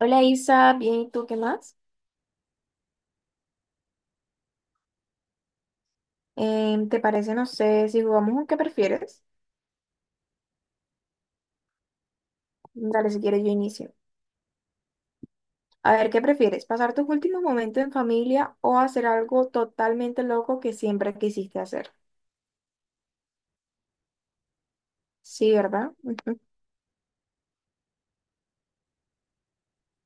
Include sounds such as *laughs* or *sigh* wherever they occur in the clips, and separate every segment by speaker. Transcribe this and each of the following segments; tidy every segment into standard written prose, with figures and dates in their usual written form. Speaker 1: Hola Isa, bien, ¿y tú qué más? ¿Te parece, no sé, si jugamos un qué prefieres? Dale, si quieres yo inicio. A ver, ¿qué prefieres? ¿Pasar tus últimos momentos en familia o hacer algo totalmente loco que siempre quisiste hacer? Sí, ¿verdad? Ujú.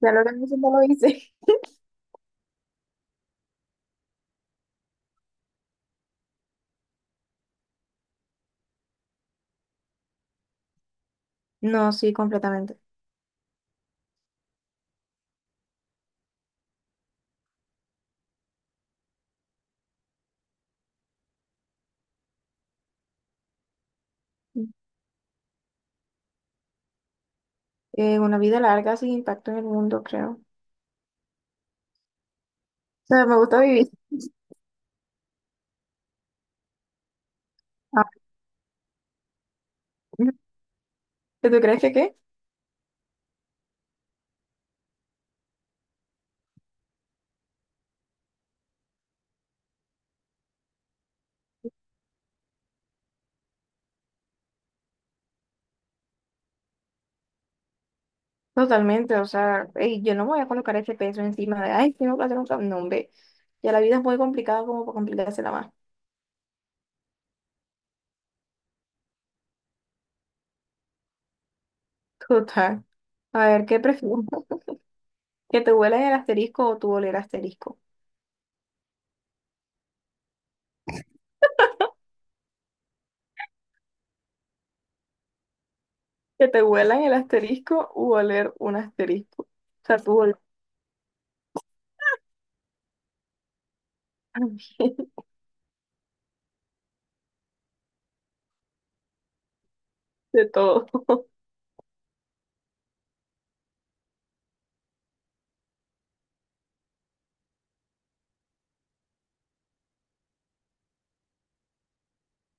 Speaker 1: Ya lo tengo, siempre lo hice. *laughs* No, sí, completamente. Una vida larga sin impacto en el mundo, creo. O sea, me gusta vivir. *laughs* Ah, ¿tú crees que qué? Totalmente, o sea, ey, yo no me voy a colocar ese peso encima de, ay, tengo que hacer un cambio, no, hombre. Ya la vida es muy complicada como para complicársela más. *laughs* Total. A ver, ¿qué prefieres? *laughs* ¿Que te huelan el asterisco o tú oler asterisco? Que te huelan el asterisco u oler un asterisco. O sea, tú oler *laughs* de todo.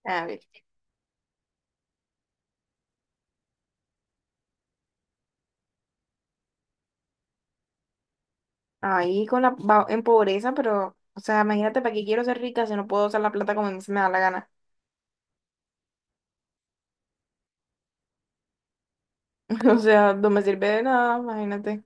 Speaker 1: A ver, ahí con la, va- en pobreza, pero, o sea, imagínate, ¿para qué quiero ser rica si no puedo usar la plata como a mí se me da la gana? *laughs* O sea, no me sirve de nada, imagínate.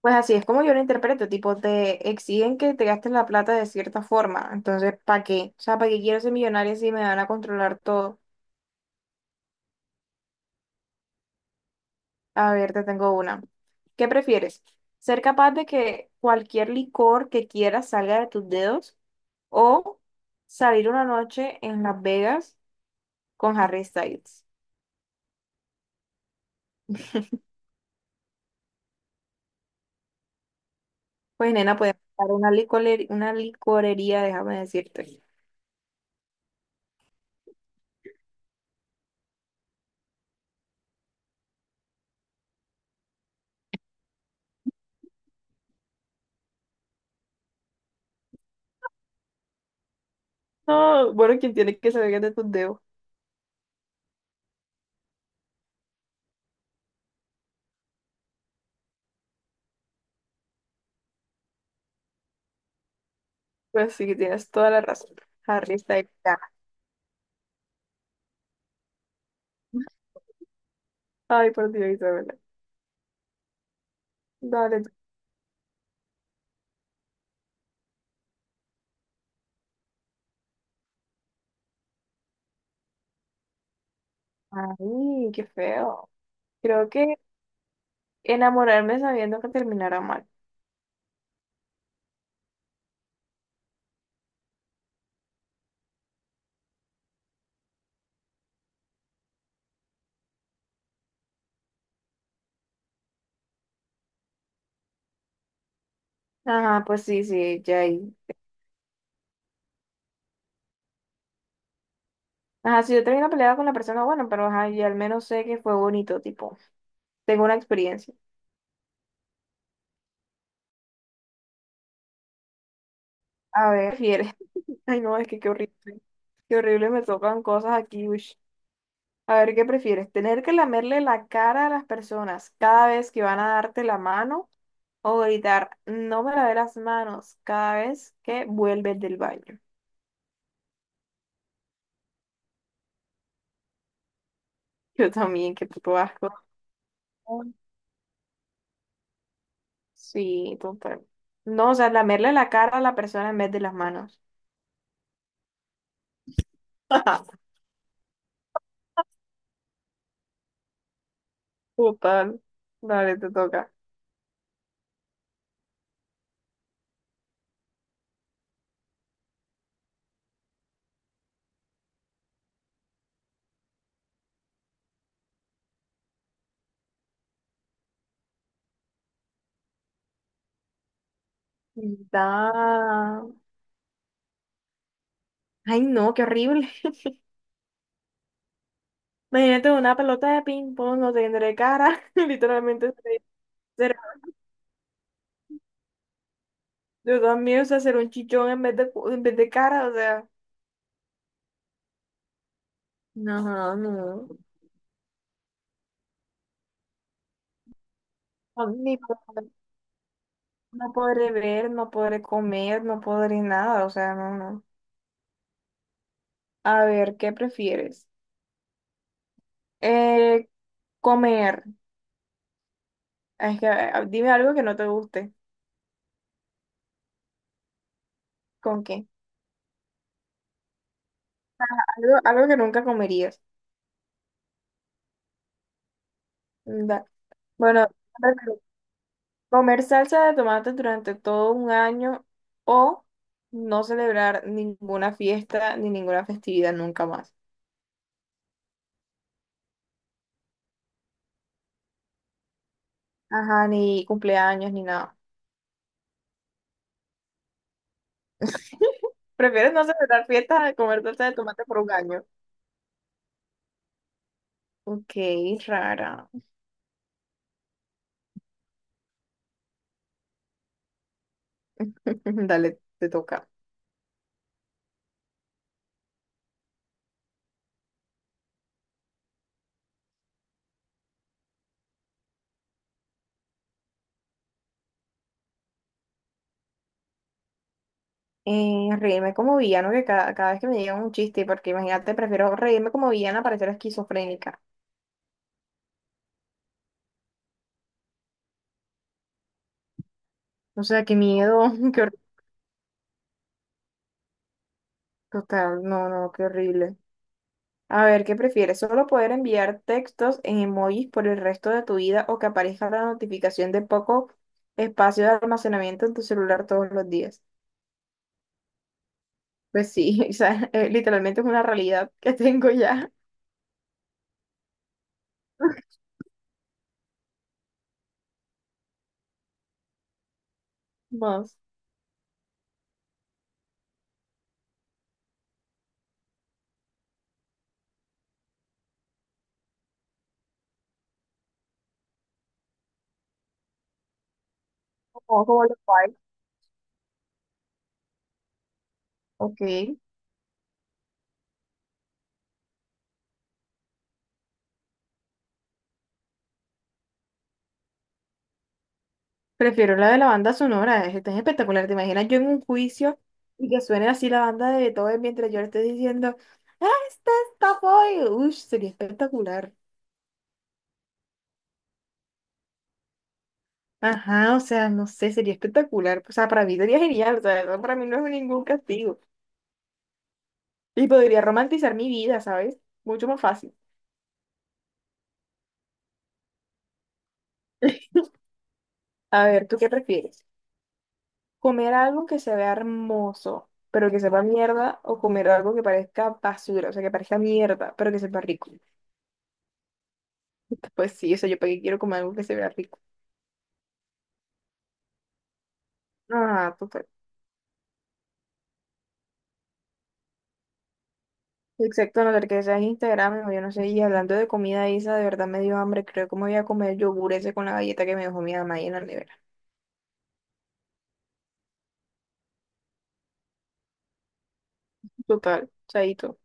Speaker 1: Pues así es como yo lo interpreto, tipo, te exigen que te gastes la plata de cierta forma, entonces, ¿para qué? O sea, ¿para qué quiero ser millonaria si me van a controlar todo? A ver, te tengo una. ¿Qué prefieres? ¿Ser capaz de que cualquier licor que quieras salga de tus dedos o salir una noche en Las Vegas con Harry Styles? Pues nena, puedes buscar una licorería, déjame decirte. No, bueno, ¿quien tiene que salir de tus dedos? Pues sí, tienes toda la razón. Harry Styles gana. Ay, por Dios, Isabela. Dale, tú. Ay, qué feo. Creo que enamorarme sabiendo que terminará mal. Ajá, pues sí, sí, ya ahí. Ajá, si yo termino peleada con la persona, bueno, pero ajá, y al menos sé que fue bonito, tipo, tengo una experiencia. A ver, ¿qué prefieres? *laughs* Ay, no, es que qué horrible. Qué horrible me tocan cosas aquí, uish. A ver, ¿qué prefieres? ¿Tener que lamerle la cara a las personas cada vez que van a darte la mano o gritar, no me lavé las manos cada vez que vuelves del baño? Yo también, qué puto asco. Sí, total. No, o sea, lamerle la cara a la persona en vez de las manos. *laughs* Total. Dale, te toca. Da. Ay, no, qué horrible. *laughs* Imagínate una pelota de ping-pong, no tendré cara. *laughs* Literalmente, seré- será- yo también, o sea, ser un chichón en vez de, cu- en vez de cara, o sea. No, no. No, ni podré- no podré ver, no podré comer, no podré nada, o sea, no, no. A ver, ¿qué prefieres? Eh, Comer. Es que, dime algo que no te guste. ¿Con qué? Algo, algo que nunca comerías. Da- bueno, *laughs* comer salsa de tomate durante todo un año o no celebrar ninguna fiesta ni ninguna festividad nunca más. Ajá, ni cumpleaños ni nada. Prefieres no celebrar fiestas a comer salsa de tomate por un año. Ok, rara. *laughs* Dale, te toca. Reírme como villano que cada, cada vez que me llega un chiste, porque imagínate, prefiero reírme como villana para ser esquizofrénica. O sea, qué miedo, *laughs* qué horrible. Total, no, no, qué horrible. A ver, ¿qué prefieres? ¿Solo poder enviar textos en emojis por el resto de tu vida o que aparezca la notificación de poco espacio de almacenamiento en tu celular todos los días? Pues sí, *laughs* o sea, literalmente es una realidad que tengo ya. *laughs* Más. Como, como los pais. Ok. Prefiero la de la banda sonora, es espectacular. ¿Te imaginas yo en un juicio y que suene así la banda de Beethoven mientras yo le estoy diciendo, ¡ah, este es Topoi! Uy, sería espectacular. Ajá, o sea, no sé, sería espectacular. O sea, para mí sería genial, o sea, eso para mí no es ningún castigo. Y podría romantizar mi vida, ¿sabes? Mucho más fácil. *laughs* A ver, ¿tú qué prefieres? ¿Comer algo que se vea hermoso, pero que sepa mierda? ¿O comer algo que parezca basura, o sea, que parezca mierda, pero que sepa rico? *laughs* Pues sí, eso yo para qué quiero comer algo que se vea rico. Ah, total. Exacto, a no ser que sea en Instagram, o yo no sé, y hablando de comida, Isa, de verdad me dio hambre, creo que me voy a comer el yogur ese con la galleta que me dejó mi mamá ahí en la nevera. Total, chaito.